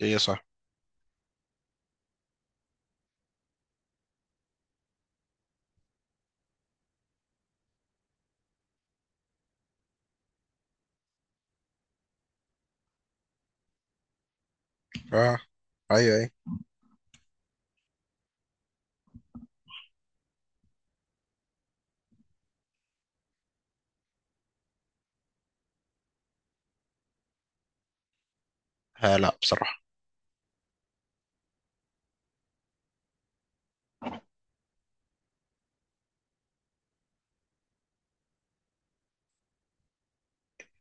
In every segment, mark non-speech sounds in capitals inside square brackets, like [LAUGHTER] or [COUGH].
ايه صح. اه. ايوه، ايوه. آه، لا بصراحة.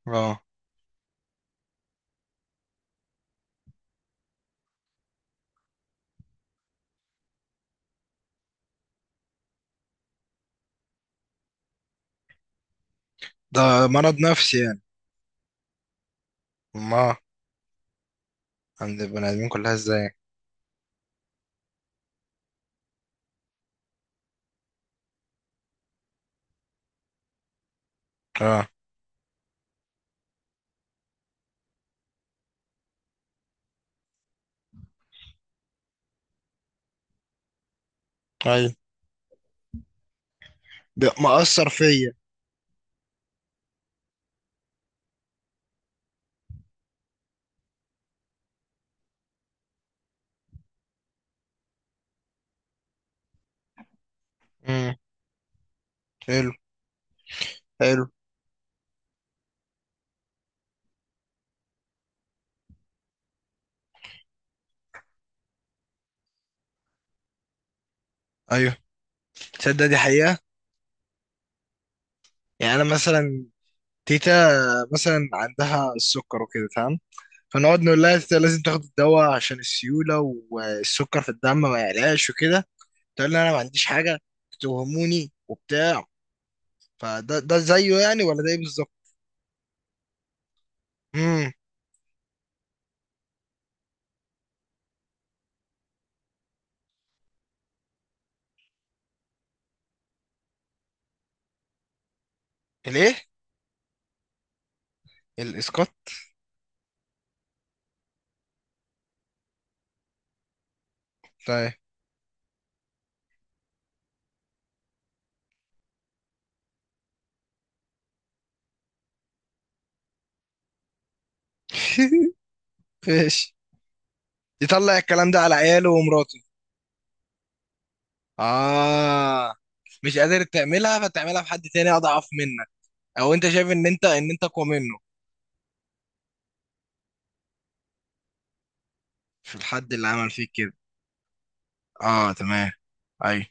اه، ده مرض نفسي يعني؟ ما عند البني ادمين كلها ازاي؟ اه، ايوه. ده مأثر فيا. امم حلو. حلو. ايوه، تصدق دي حقيقة؟ يعني انا مثلا، تيتا مثلا عندها السكر وكده، تمام. فنقعد نقول لها تيتا لازم تاخد الدواء عشان السيولة والسكر في الدم ما يعلاش وكده. تقول لي انا ما عنديش حاجة، تتوهموني وبتاع. فده زيه يعني، ولا ده ايه بالظبط؟ امم الايه؟ الاسقاط؟ [LAUGHS] ماشي. يطلع الكلام ده على عياله ومراته. اه، مش قادر تعملها، فتعملها في حد تاني اضعف منك، او انت شايف ان انت اقوى منه. في الحد اللي عمل فيك كده. اه، تمام. ايوه،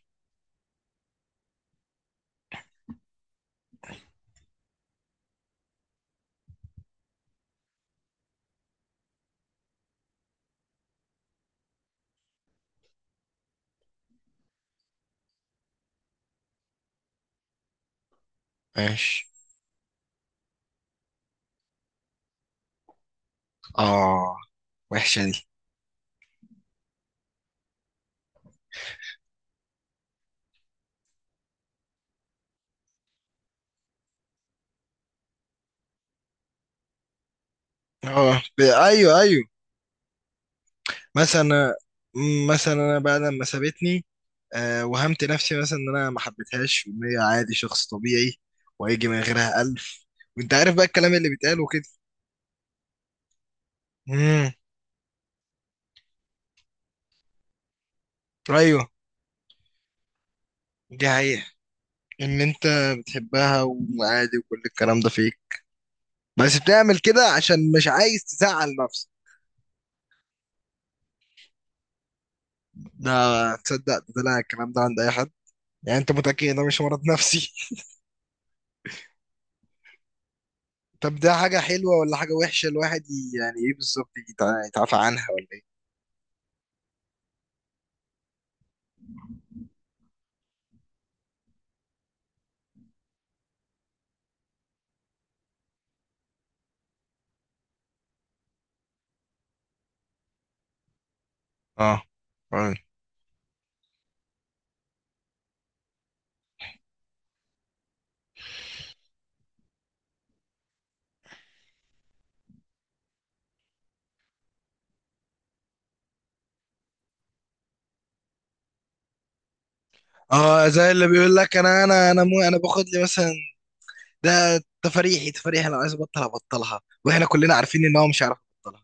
ماشي. اه، وحشة دي. اه، ايوه ايوه. مثلا، مثلا انا بعد ما سابتني، وهمت نفسي مثلا ان انا ما حبيتهاش وان هي عادي، شخص طبيعي، وهيجي من غيرها الف، وانت عارف بقى الكلام اللي بيتقال وكده. امم. ايوه، دي حقيقة. ان انت بتحبها، وعادي، وكل الكلام ده فيك. بس بتعمل كده عشان مش عايز تزعل نفسك. ده تصدق ده لا الكلام ده عند اي حد؟ يعني انت متأكد ان ده مش مرض نفسي؟ [LAUGHS] طب ده حاجة حلوة ولا حاجة وحشة؟ الواحد يعني ايه بالظبط يتعافى عنها ولا ايه؟ اه، فاهم. اه، زي اللي بيقول لك انا مو انا باخد لي مثلا. ده تفريحي، تفريحي. لو عايز ابطل هبطلها، واحنا كلنا عارفين ان هو مش عارف يبطلها.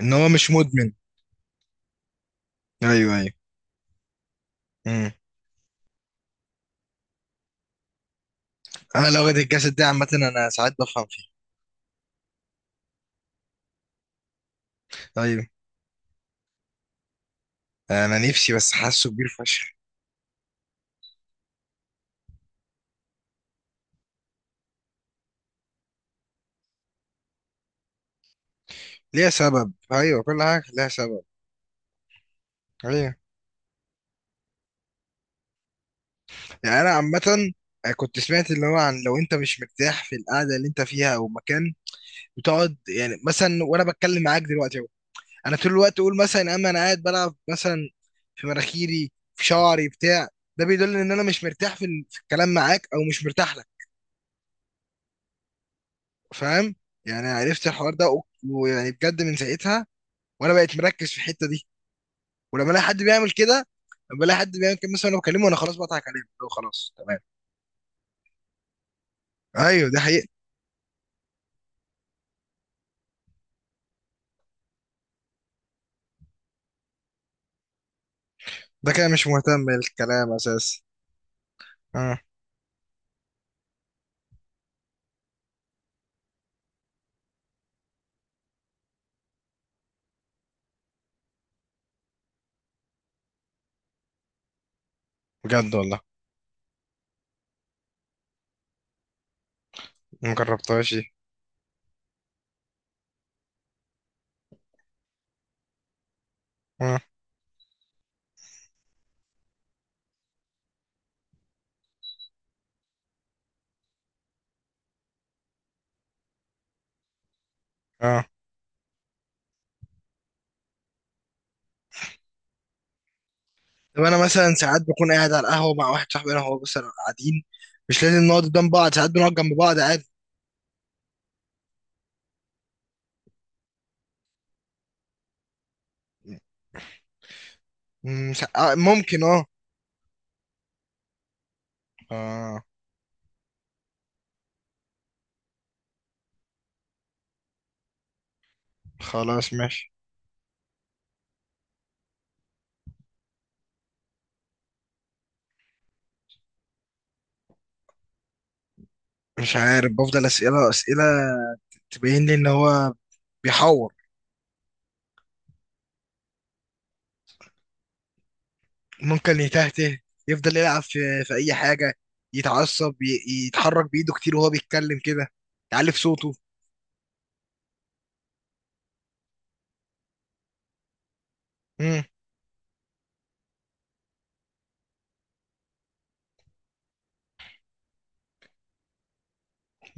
ان هو مش مدمن. ايوه. ايوه. انا لو غدا الجسد ده عامه، انا ساعات بفهم فيه. ايوه. انا نفسي، بس حاسه كبير فشخ. ليها سبب، ايوه، كل حاجه ليها سبب. ايوه، يعني انا عامه، كنت سمعت اللي هو عن لو انت مش مرتاح في القعده اللي انت فيها او مكان بتقعد. يعني مثلا وانا بتكلم معاك دلوقتي اهو، انا طول الوقت اقول مثلا اما انا قاعد بلعب مثلا في مناخيري، في شعري، بتاع. ده بيدل ان انا مش مرتاح في في الكلام معاك، او مش مرتاح لك. فاهم؟ يعني عرفت الحوار ده، ويعني بجد من ساعتها وانا بقيت مركز في الحته دي. ولما الاقي حد بيعمل كده، لما الاقي حد بيعمل كده مثلا انا بكلمه، انا خلاص بضحك عليه، اللي هو خلاص تمام. ايوه، دي حقيقة. ده كده مش مهتم بالكلام اساسا. اه، بجد والله. ما جربتهاش دي. اه. اه. طب انا مثلا ساعات بكون قاعد على القهوة مع واحد صاحبي، انا هو مثلا قاعدين، مش لازم نقعد قدام بعض، ساعات بنقعد جنب بعض عادي. ممكن. اه. اه، خلاص ماشي. مش عارف، بفضل اسئلة اسئلة تبين لي ان هو بيحور. ممكن يتهته، يفضل يلعب في اي حاجه، يتعصب، يتحرك بايده كتير وهو بيتكلم كده، يعلي في صوته. امم.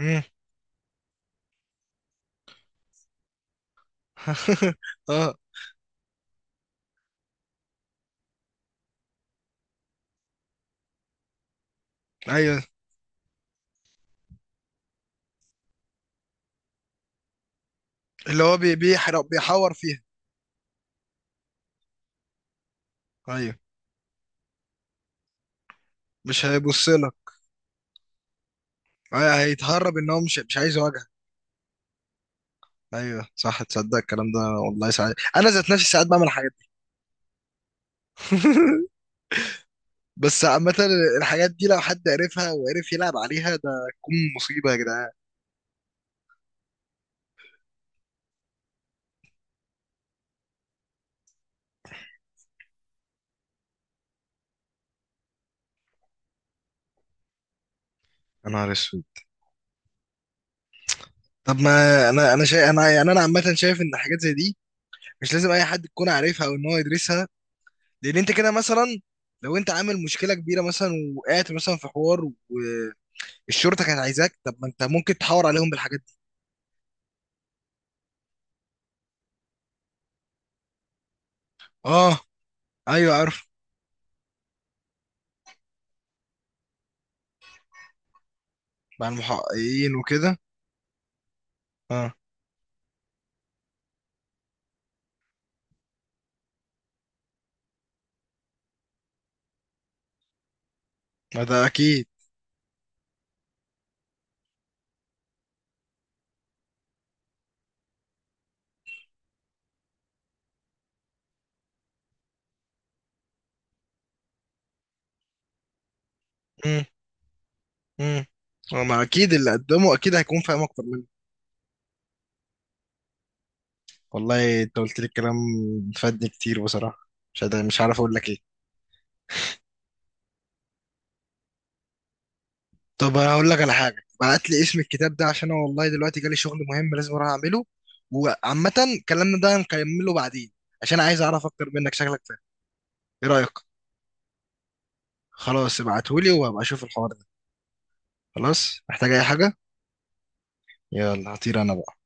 امم. [LAUGHS] اه، ايوه. اللي هو بي- بيحرق بيحور فيها. ايوه، مش هيبص لك. ايوه، هيتهرب، ان هو مش عايز يواجهك. ايوه، صح، تصدق الكلام ده؟ والله، ساعات انا ذات نفسي ساعات بعمل الحاجات دي. [LAUGHS] بس عامة، الحاجات دي لو حد عرفها وعرف يلعب عليها، ده تكون مصيبة يا جدعان. يا نهار اسود. طب ما انا شايف. انا يعني انا عامه شايف ان حاجات زي دي مش لازم اي حد يكون عارفها او ان هو يدرسها. لان انت كده مثلا، لو انت عامل مشكله كبيره مثلا، وقعت مثلا في حوار والشرطه كانت عايزاك، طب ما انت ممكن تحاور عليهم بالحاجات دي. اه، ايوه عارف. مع المحققين وكده. اه، ما ده اكيد. امم. امم. ما اكيد اللي قدمه اكيد هيكون فاهم اكتر مني. والله انت قلت لي الكلام، فادني كتير بصراحه. مش عارف اقول لك ايه. طب انا اقول لك على حاجه، بعت لي اسم الكتاب ده عشان انا والله دلوقتي جالي شغل مهم لازم اروح اعمله، وعامه كلامنا ده نكمله بعدين، عشان عايز اعرف اكتر منك، شكلك فاهم. ايه رايك؟ خلاص، ابعتهولي وهبقى اشوف الحوار ده. خلاص، محتاج اي حاجه؟ يلا هطير انا بقى.